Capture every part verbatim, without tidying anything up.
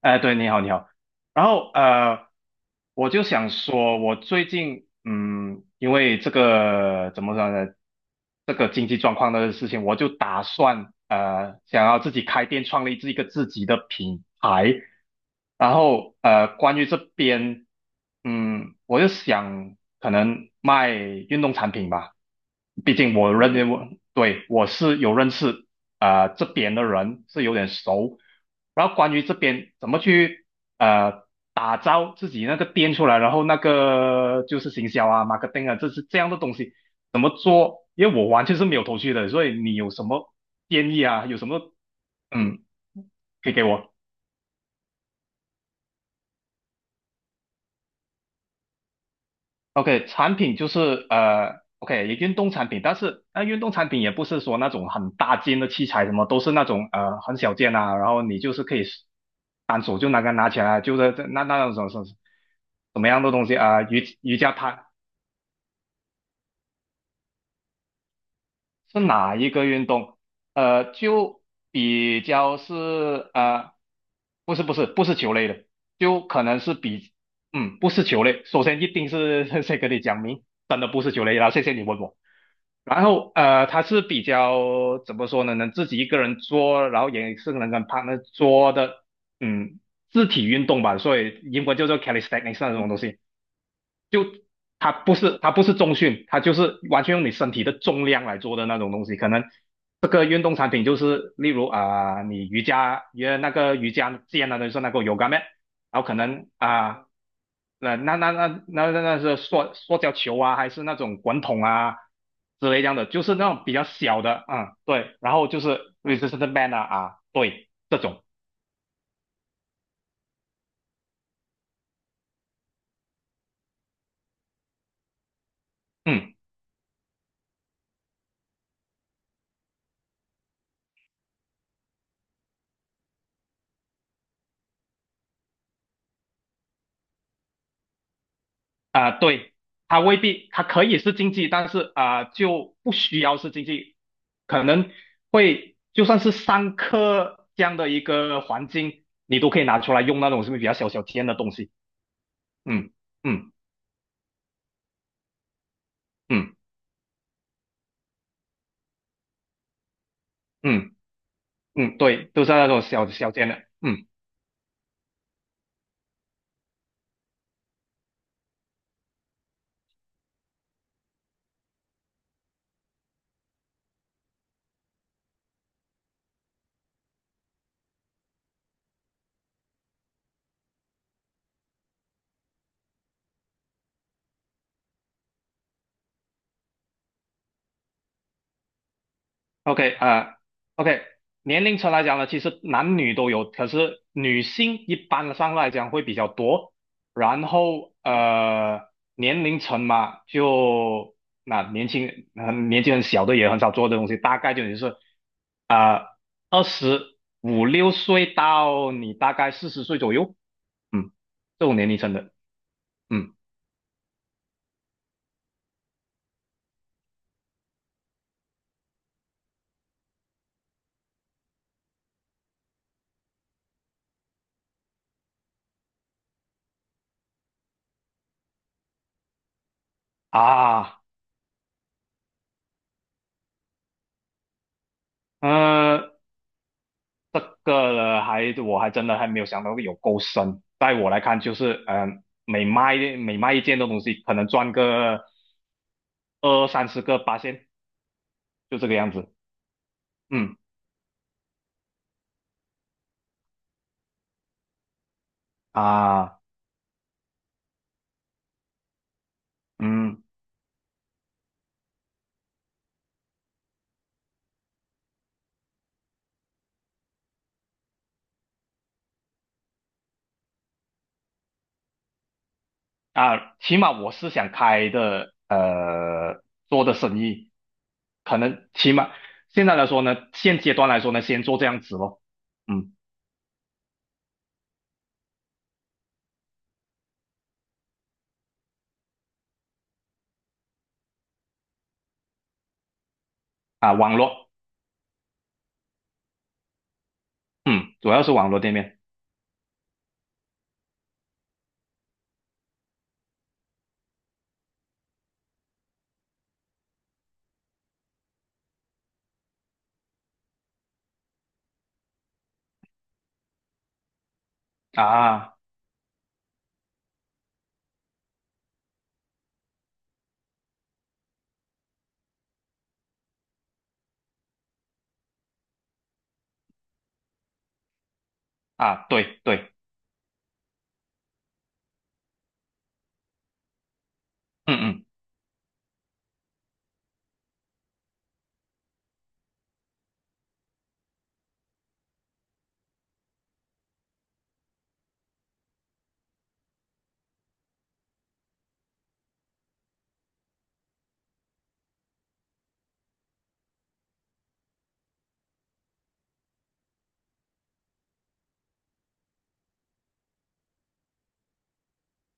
哎，对，你好，你好。然后呃，我就想说，我最近嗯，因为这个怎么说呢，这个经济状况的事情，我就打算呃，想要自己开店，创立自一个自己的品牌。然后呃，关于这边，嗯，我就想可能卖运动产品吧。毕竟我认为我对我是有认识啊、呃这边的人是有点熟，然后关于这边怎么去呃打造自己那个店出来，然后那个就是行销啊、marketing 啊，这是这样的东西，因为我完全是没有头绪的，所以你有什么建议啊？有什么嗯可以给我？OK，产品就是呃，OK，运动产品，但是那、呃运动产品也不是说那种很大件的器材，什么都是那种呃很小件啊，然后你就是可以单手就拿个拿起来，就是这那那种什么什么什么样的东西啊、呃瑜瑜伽毯是哪一个运动？呃，就比较是呃，不是不是不是球类的，就可能是比嗯不是球类。首先一定是 先跟你讲明，真的不是球类然后谢谢你问我。然后呃，它是比较怎么说呢？能自己一个人做，然后也是能跟 partner 做的，嗯，肢体运动吧，所以英文叫做 calisthenics 那种东西。就它不是它不是重训，它就是完全用你身体的重量来做的那种东西。可能这个运动产品就是例如啊、呃你瑜伽来那个瑜伽垫啊，就是那个 yoga mat，然后可能啊。呃那那那那那那是塑塑胶球啊，还是那种滚筒啊之类这样的，就是那种比较小的，嗯，对，然后就是 r e s i s t a n c e band 啊啊，对，这种，嗯啊、对，它未必它可以是竞技，但是啊、就不需要是竞技，可能会就算是上课这样的一个环境，你都可以拿出来用那种是不是比较小小尖的东西？嗯嗯嗯嗯嗯，嗯嗯对，都是那种小小尖的，嗯。OK，呃，OK，年龄层来讲呢，其实男女都有，可是女性一般上来讲会比较多。然后呃，年龄层嘛，就那、年轻很年纪很小的也很少做这东西，大概就也是啊二十五六岁到你大概四十岁左右，嗯，这种年龄层的，嗯啊，呃，这个呢，还我还真的还没有想到有够深。在我来看，就是嗯、呃每卖每卖一件的东西，可能赚个二三十个八仙，就这个样子。嗯啊，嗯啊，起码我是想开的，呃，做的生意，可能起码现在来说呢，现阶段来说呢，先做这样子咯。嗯啊，网络，嗯，主要是网络店面啊啊，对对，嗯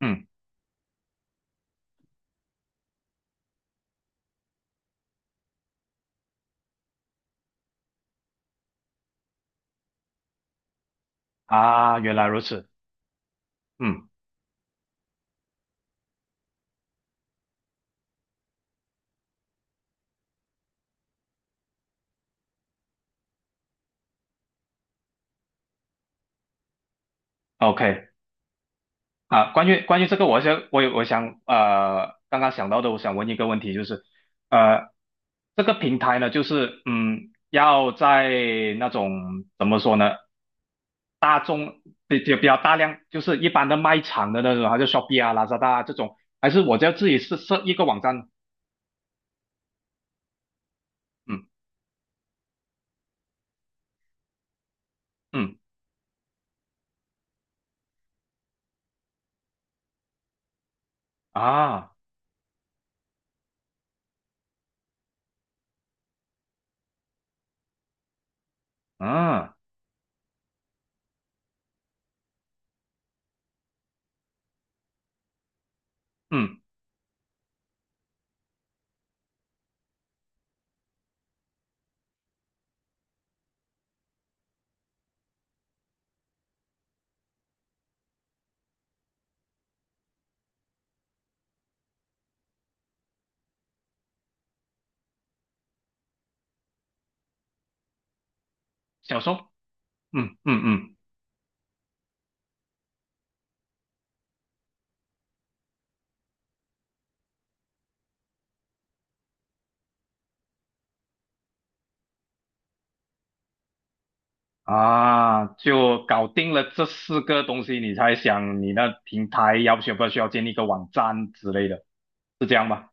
嗯嗯啊，原来如此。嗯。OK 啊，关于关于这个我想我有我想呃，刚刚想到的，我想问一个问题，就是呃，这个平台呢，就是嗯，要在那种怎么说呢，比就比较大量，就是一般的卖场的那种，还是 Shopee 啊、l a 拉 a d 啊这种，还是我就要自己设设一个网站？嗯嗯啊嗯嗯，小售，嗯嗯嗯。啊，就搞定了这四个东西，你才想你那平台要需不需要建立一个网站之类的，是这样吧？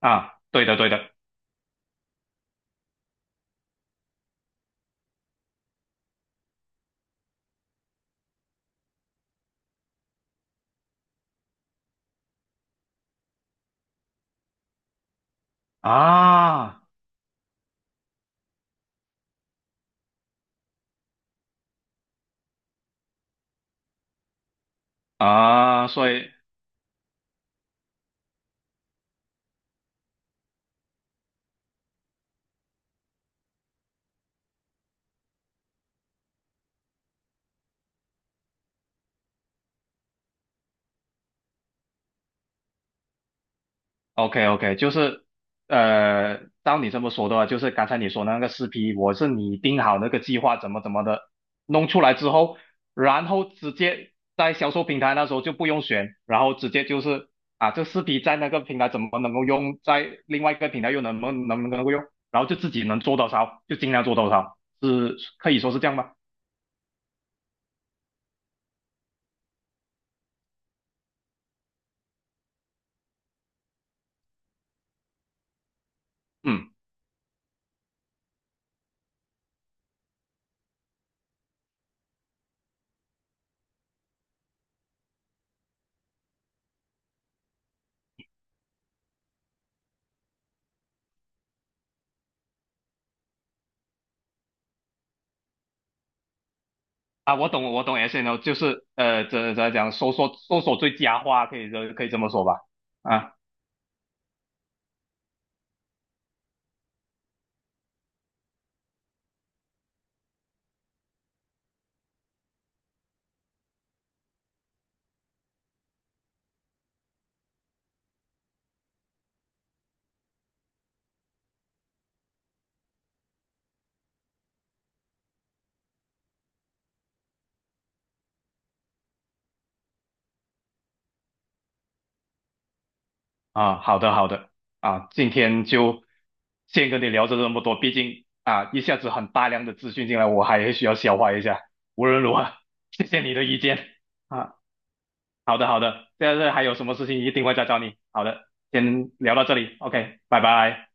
啊，对的，对的，啊啊，所以 OK OK，就是呃，照你这么说的话，就是刚才你说那个四 P，我是拟定好那个计划怎么怎么的，弄出来之后，然后直接在销售平台那时候就不用选，然后直接就是啊，这四 P 在那个平台怎么能够用，在另外一个平台又能不能能不能够用，然后就自己能做多少就尽量做多少，是可以说是这样吗？嗯。啊，我懂，我懂 S N L，就是呃，怎怎么讲，搜索搜索最佳化，可以这可以这么说吧？啊。啊，好的好的啊，今天就先跟你聊着这么多，毕竟啊一下子很大量的资讯进来，我还需要消化一下。无论如何，谢谢你的意见啊。好的好的，现在还有什么事情一定会再找你。好的，先聊到这里，OK，拜拜。